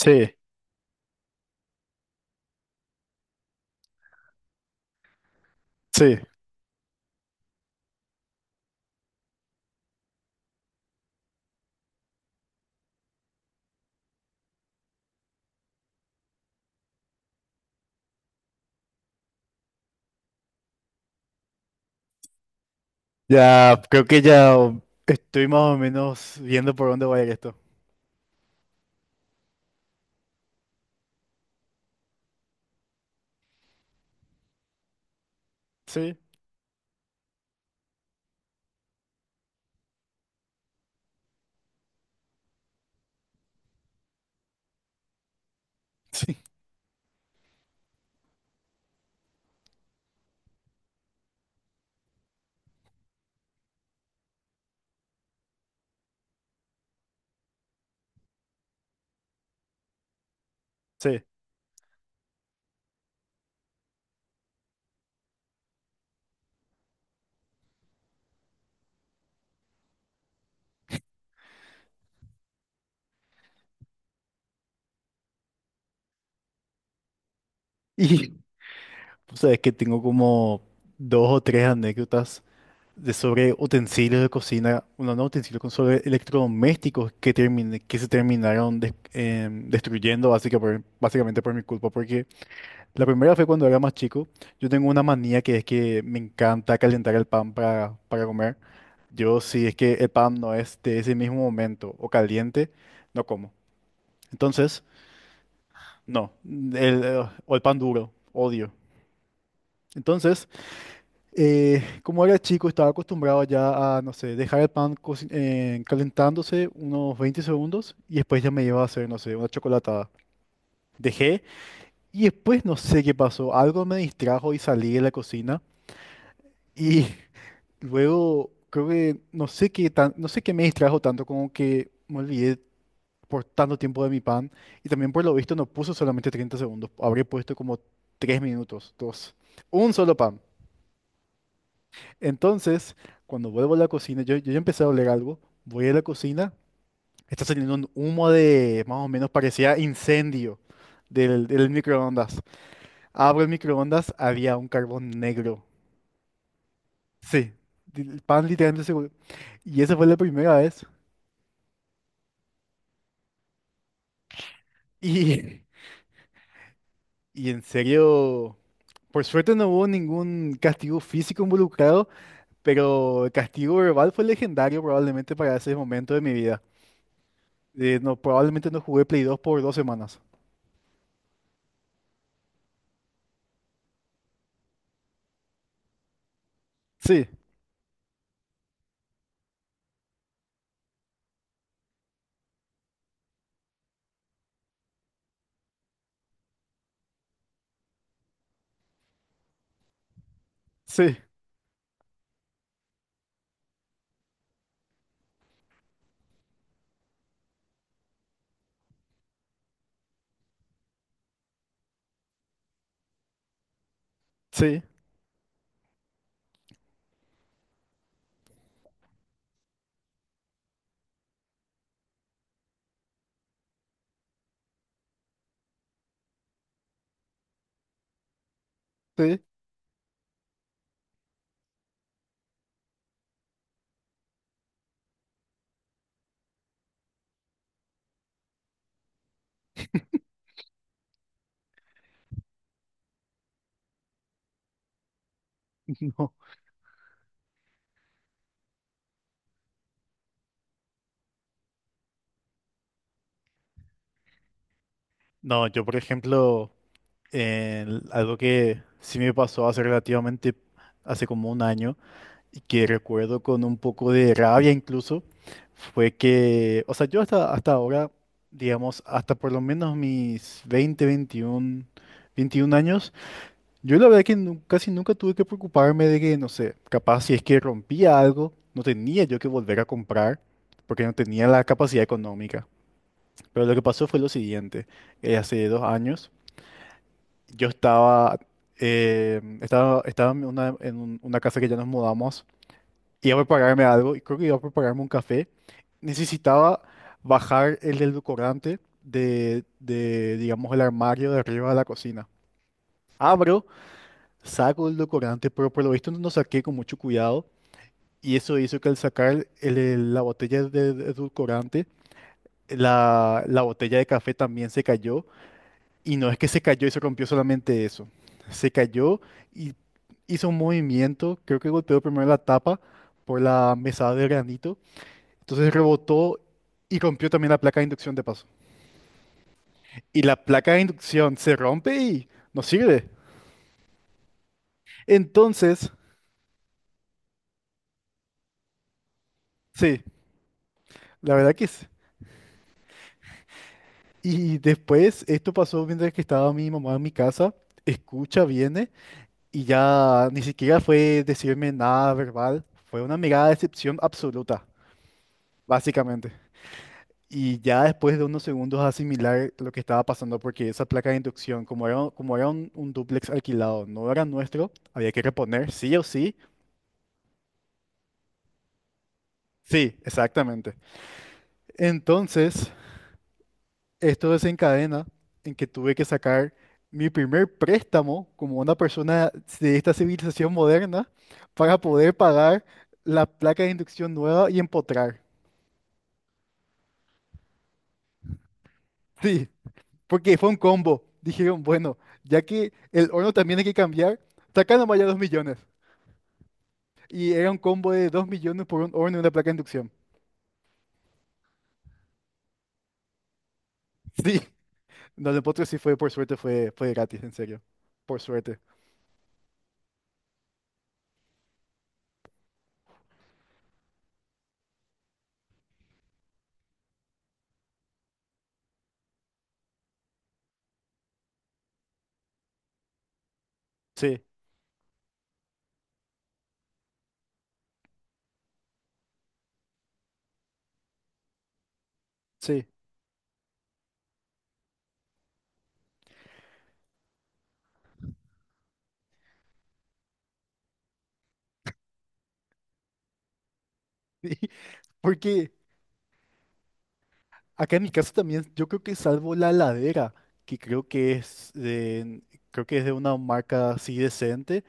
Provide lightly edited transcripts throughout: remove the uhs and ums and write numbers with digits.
Sí, sí. Ya, creo que ya estoy más o menos viendo por dónde va a ir esto. Sí, sí, sí. Y sabes que tengo como dos o tres anécdotas de sobre utensilios de cocina, bueno, no utensilios, con sobre electrodomésticos que que se terminaron destruyendo básicamente por mi culpa, porque la primera fue cuando era más chico. Yo tengo una manía que es que me encanta calentar el pan para comer. Yo, si es que el pan no es de ese mismo momento o caliente, no como. Entonces, no. O el pan duro, odio. Entonces, como era chico, estaba acostumbrado ya a, no sé, dejar el pan calentándose unos 20 segundos y después ya me iba a hacer, no sé, una chocolatada. Dejé y después no sé qué pasó. Algo me distrajo y salí de la cocina. Y luego creo que no sé qué me distrajo tanto, como que me olvidé por tanto tiempo de mi pan. Y también por lo visto no puso solamente 30 segundos, habré puesto como 3 minutos, dos. Un solo pan. Entonces, cuando vuelvo a la cocina, yo ya empecé a oler algo, voy a la cocina, está saliendo un humo de más o menos parecía incendio del microondas. Abro el microondas, había un carbón negro. Sí, el pan literalmente seguro. Y esa fue la primera vez. Y, y en serio, por suerte no hubo ningún castigo físico involucrado, pero el castigo verbal fue legendario probablemente para ese momento de mi vida. No, probablemente no jugué Play 2 por 2 semanas. Sí, sí, sí, sí, no. No, yo por ejemplo, algo que sí me pasó hace relativamente, hace como un año, y que recuerdo con un poco de rabia incluso, fue que, o sea, yo hasta ahora, digamos, hasta por lo menos mis 20 21, 21 años, yo la verdad que casi nunca tuve que preocuparme de que, no sé, capaz si es que rompía algo, no tenía yo que volver a comprar, porque no tenía la capacidad económica. Pero lo que pasó fue lo siguiente, hace 2 años, yo estaba, estaba en una una casa que ya nos mudamos, iba a prepararme algo y creo que iba a prepararme un café. Necesitaba bajar el edulcorante de digamos, el armario de arriba de la cocina. Abro, saco el edulcorante, pero por lo visto no saqué con mucho cuidado y eso hizo que al sacar la botella de edulcorante, la botella de café también se cayó, y no es que se cayó y se rompió solamente eso. Se cayó y hizo un movimiento, creo que golpeó primero la tapa por la mesada de granito. Entonces rebotó y rompió también la placa de inducción de paso. Y la placa de inducción se rompe y no sirve. Entonces, sí, la verdad que sí. Y después esto pasó mientras que estaba mi mamá en mi casa. Escucha, viene y ya ni siquiera fue decirme nada verbal. Fue una mirada de decepción absoluta, básicamente. Y ya después de unos segundos asimilar lo que estaba pasando, porque esa placa de inducción, como era un dúplex alquilado, no era nuestro, había que reponer sí o sí. Sí, exactamente. Entonces, esto desencadena en que tuve que sacar mi primer préstamo como una persona de esta civilización moderna para poder pagar la placa de inducción nueva y empotrar. Sí, porque fue un combo. Dijeron, bueno, ya que el horno también hay que cambiar, saca nomás ya 2 millones. Y era un combo de 2 millones por un horno y una placa de inducción. Sí, no, el empotro sí fue, por suerte, fue gratis, en serio. Por suerte. Sí, sí. Sí, porque acá en mi caso también, yo creo que salvo la heladera, que creo que es de una marca así decente,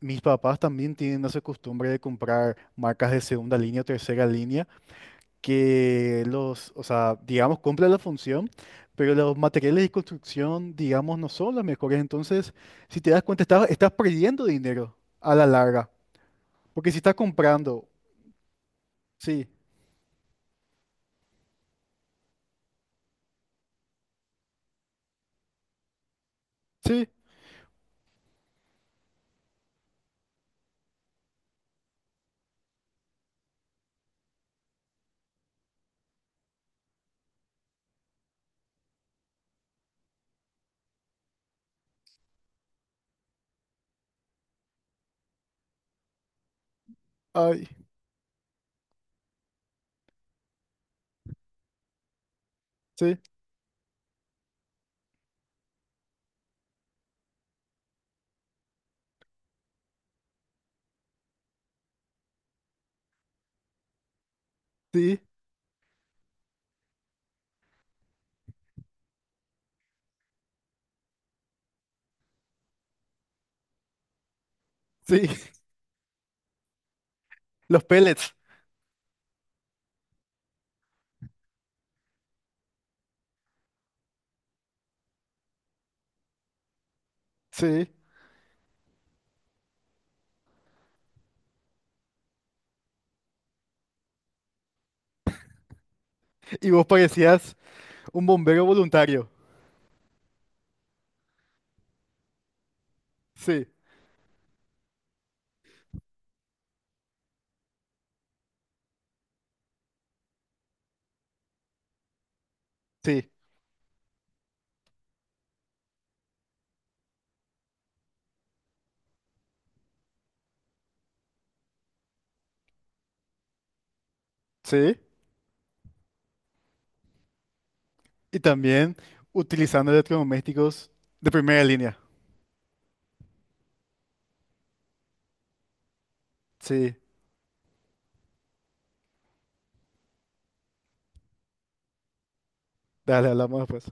mis papás también tienen esa costumbre de comprar marcas de segunda línea o tercera línea, que los, o sea, digamos, cumplen la función, pero los materiales de construcción, digamos, no son los mejores. Entonces, si te das cuenta, estás perdiendo dinero a la larga, porque si estás comprando, sí, sí, ay, sí, sí, sí. Los pellets, sí. Y vos parecías un bombero voluntario, sí, sí, sí. Y también utilizando electrodomésticos de primera línea, sí. Dale, hablamos después.